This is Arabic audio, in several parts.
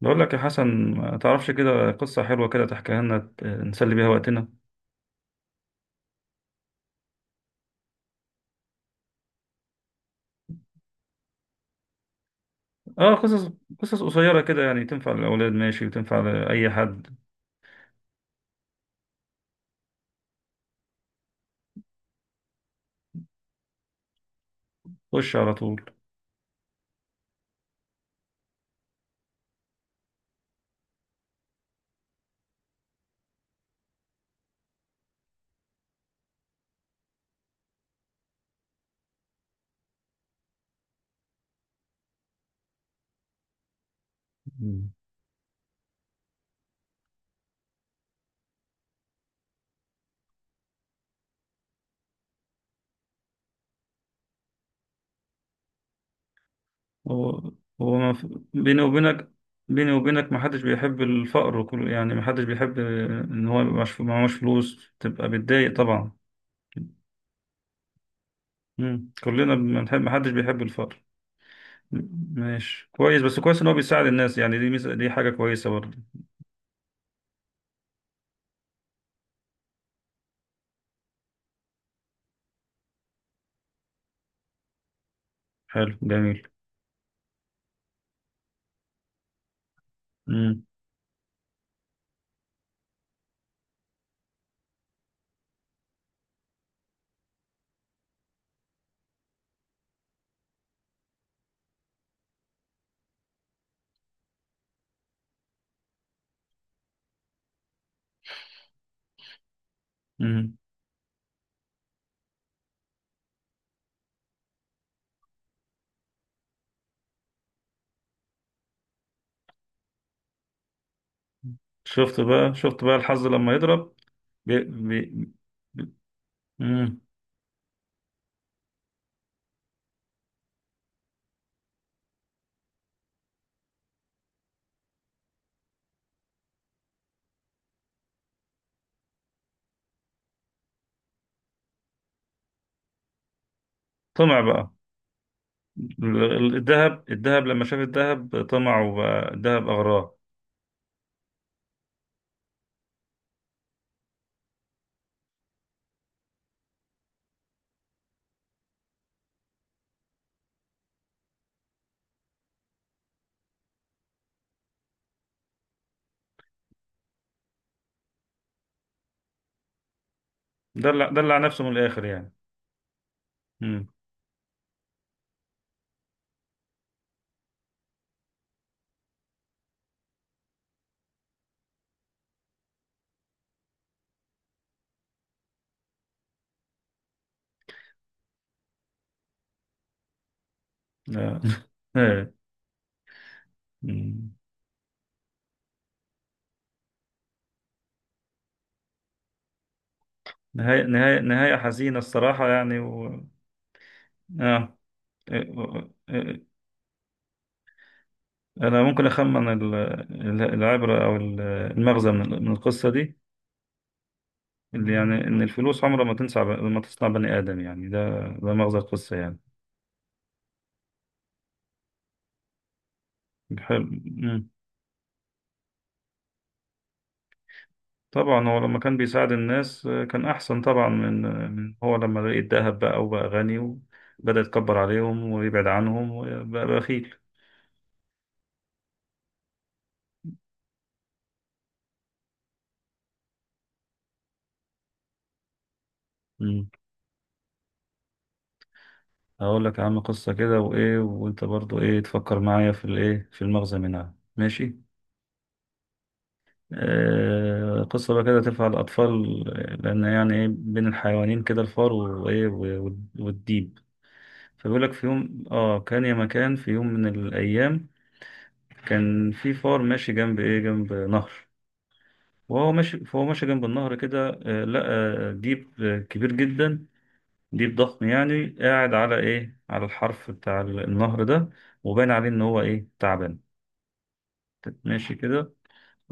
بقول لك يا حسن، ما تعرفش كده قصة حلوة كده تحكيها لنا نسلي بيها وقتنا. اه، قصص قصيرة كده يعني تنفع للأولاد، ماشي، وتنفع لأي حد. خش على طول. مم. هو هو ما في- بيني وبينك، ما حدش بيحب الفقر، وكل، يعني ما حدش بيحب ان هو يبقى معهوش فلوس، تبقى بتضايق طبعا. مم. كلنا بنحب، ما حدش بيحب الفقر. م- ماشي، كويس، بس كويس ان هو بيساعد الناس، يعني دي ميزة، دي حاجة كويسة برضه. حلو، جميل. مم. مم. شفت بقى الحظ لما يضرب! بي... بي... مم. طمع بقى. الذهب لما شاف الذهب، طمع، وبقى الذهب أغراه. دلع دلع نفسه من الآخر يعني. مم. لا. إيه. مم. نهاية حزينة الصراحة يعني آه. إيه. إيه. أنا ممكن أخمن العبرة، أو المغزى من من القصة دي. اللي يعني إن الفلوس عمرها ما تنسى، ما تصنع بني آدم، يعني ده مغزى القصة يعني. حلو. مم. طبعا هو لما كان بيساعد الناس، كان أحسن طبعا من، من هو لما لقي الذهب، بقى وبقى غني، وبدأ يتكبر عليهم ويبعد عنهم وبقى بخيل. مم. هقول لك يا عم قصة كده وإيه، وأنت برضو إيه تفكر معايا في الإيه، في المغزى منها، ماشي؟ آه، قصة بقى كده تنفع الأطفال. لأن يعني إيه بين الحيوانين كده، الفار وإيه والديب. فبيقول لك في يوم آه كان يا مكان في يوم من الأيام. كان في فار ماشي جنب ايه، جنب نهر. وهو ماشي فهو ماشي جنب النهر كده، لقى ديب كبير جدا. ديب ضخم يعني، قاعد على ايه، على الحرف بتاع النهر ده. وبان عليه ان هو ايه، تعبان. ماشي كده.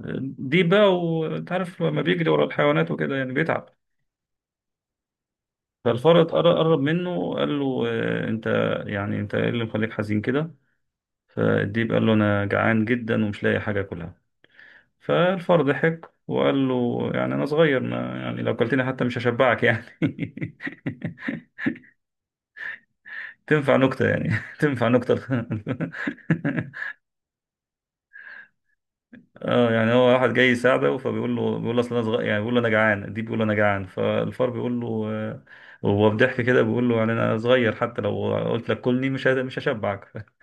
ديب بقى، وانت عارف لما بيجري ورا الحيوانات وكده، يعني بيتعب. فالفار قرب منه وقال له انت، يعني انت ايه اللي مخليك حزين كده؟ فالديب قال له: انا جعان جدا ومش لاقي حاجه اكلها. فالفار ضحك وقال له: يعني أنا صغير، ما يعني لو قلتني حتى مش هشبعك يعني. تنفع نكتة يعني. تنفع نكتة. اه، يعني هو واحد جاي يساعده، فبيقول له بيقول له: أصل أنا صغير، يعني بيقول له: أنا جعان دي، بيقول له: أنا جعان. فالفار بيقول له وهو بضحك كده بيقول له: يعني أنا صغير، حتى لو قلت لك كلني، مش هشبعك.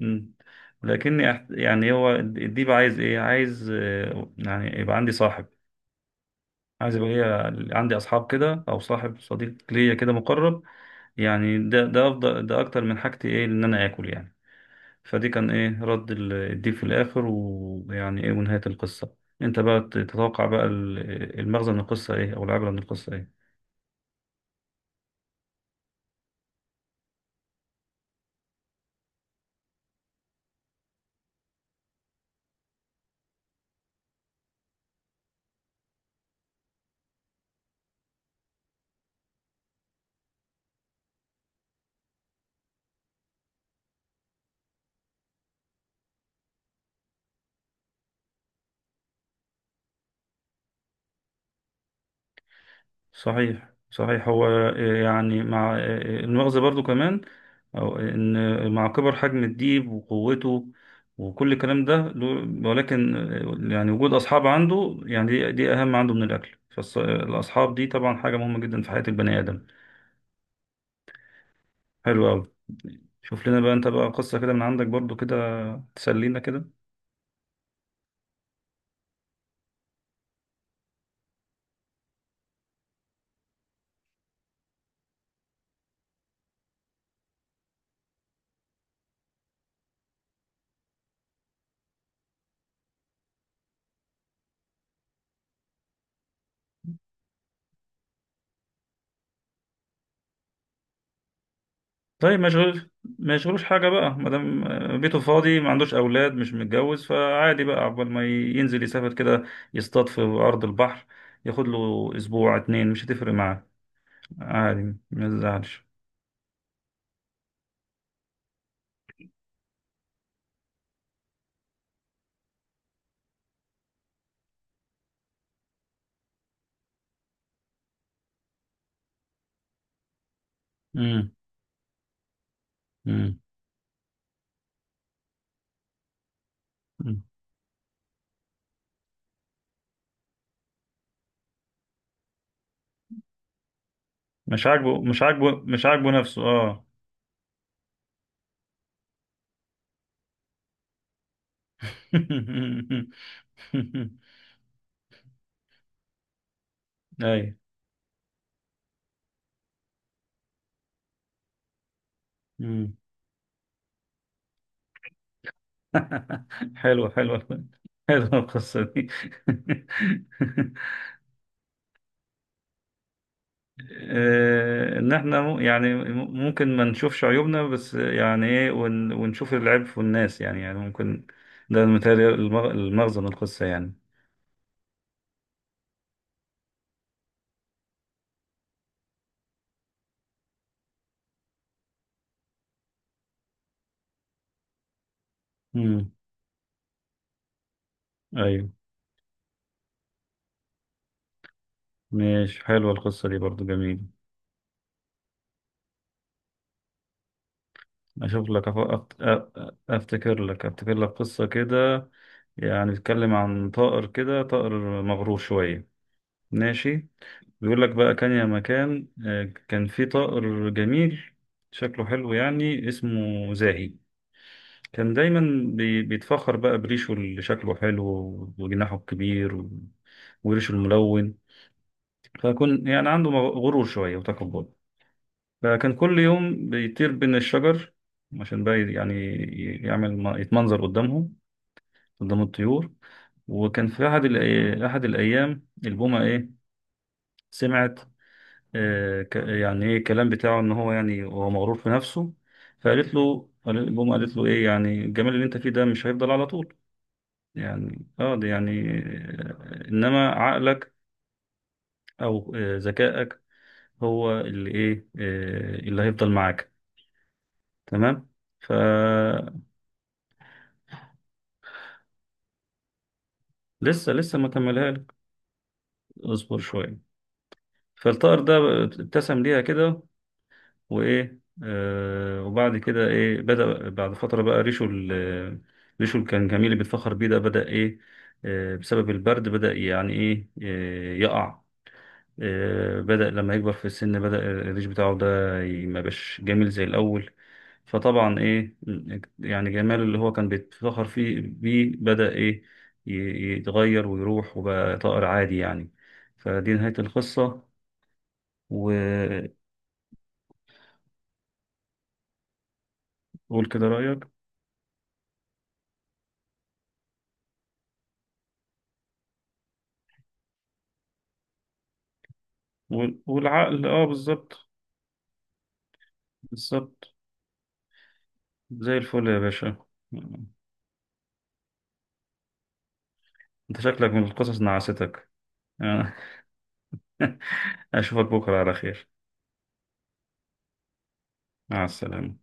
مم. لكني يعني هو الديب عايز إيه؟ عايز، يعني يبقى عندي صاحب. عايز يبقى ليا، عندي اصحاب كده، او صاحب صديق ليا كده مقرب. يعني ده افضل، ده اكتر من حاجتي ايه ان انا اكل يعني. فدي كان ايه رد الديب في الاخر، ويعني ايه ونهاية القصة؟ انت بقى تتوقع بقى المغزى من القصة ايه، او العبرة من القصة ايه؟ صحيح صحيح، هو يعني مع المؤاخذة برضو كمان. أو إن مع كبر حجم الديب وقوته، وكل الكلام ده ولكن يعني وجود أصحاب عنده، يعني دي أهم عنده من الأكل، فالأصحاب دي طبعا حاجة مهمة جدا في حياة البني آدم. حلو أوي. شوف لنا بقى أنت بقى قصة كده من عندك برضو كده، تسلينا كده. طيب، مشغول. ما يشغلوش حاجة بقى، ما دام بيته فاضي، ما عندوش أولاد، مش متجوز، فعادي بقى عقبال ما ينزل يسافر كده، يصطاد في أرض البحر. ياخد له أسبوع اتنين، مش هتفرق معاه. عادي، ما يزعلش. امم. امم. مش عاجبه نفسه، اه. أيوة. امم. حلوة حلوة حلوة القصة دي. ان احنا يعني ممكن ما نشوفش عيوبنا، بس يعني ايه ونشوف العيب في الناس، يعني ممكن. ده متهيألي المغزى من القصة يعني. امم. ايوه. ماشي، حلوة القصة دي برضو جميلة. اشوف لك افتكر لك قصة كده. يعني بيتكلم عن طائر كده، طائر مغرور شوية. ماشي. بيقول لك بقى، كان يا مكان كان في طائر جميل. شكله حلو يعني، اسمه زاهي. كان دايما بيتفخر بقى بريشه اللي شكله حلو وجناحه الكبير وريشه الملون. فكان يعني عنده غرور شوية وتكبر. فكان كل يوم بيطير بين الشجر، عشان بقى يعني يعمل يتمنظر قدامهم، قدام الطيور. وكان في أحد أحد الأيام، البومة إيه، سمعت. يعني إيه الكلام بتاعه، إن هو يعني هو مغرور في نفسه. فقالت له البومة، قالت له إيه يعني الجمال اللي أنت فيه ده، مش هيفضل على طول. يعني ده يعني، انما عقلك، او ذكائك، هو اللي ايه، اللي هيفضل معاك. تمام. فلسه. لسه لسه، ما كملها لك. اصبر شويه. فالطائر ده، ابتسم ليها كده، وايه، وبعد كده ايه بدأ بعد فتره بقى ريشه، ريشه اللي كان جميل اللي بيتفخر بيه ده، بدأ ايه. بسبب البرد بدأ يعني ايه، يقع. بدأ لما يكبر في السن، بدأ الريش بتاعه ده ما بقاش جميل زي الأول. فطبعا إيه، يعني جماله اللي هو كان بيتفخر فيه بيه، بدأ إيه، يتغير ويروح وبقى طائر عادي يعني. فدي نهاية القصة. وقول كده رأيك. والعقل، اه، بالظبط. بالظبط. زي الفل يا باشا. انت شكلك من القصص نعستك؟ اشوفك بكرة على خير. مع السلامة.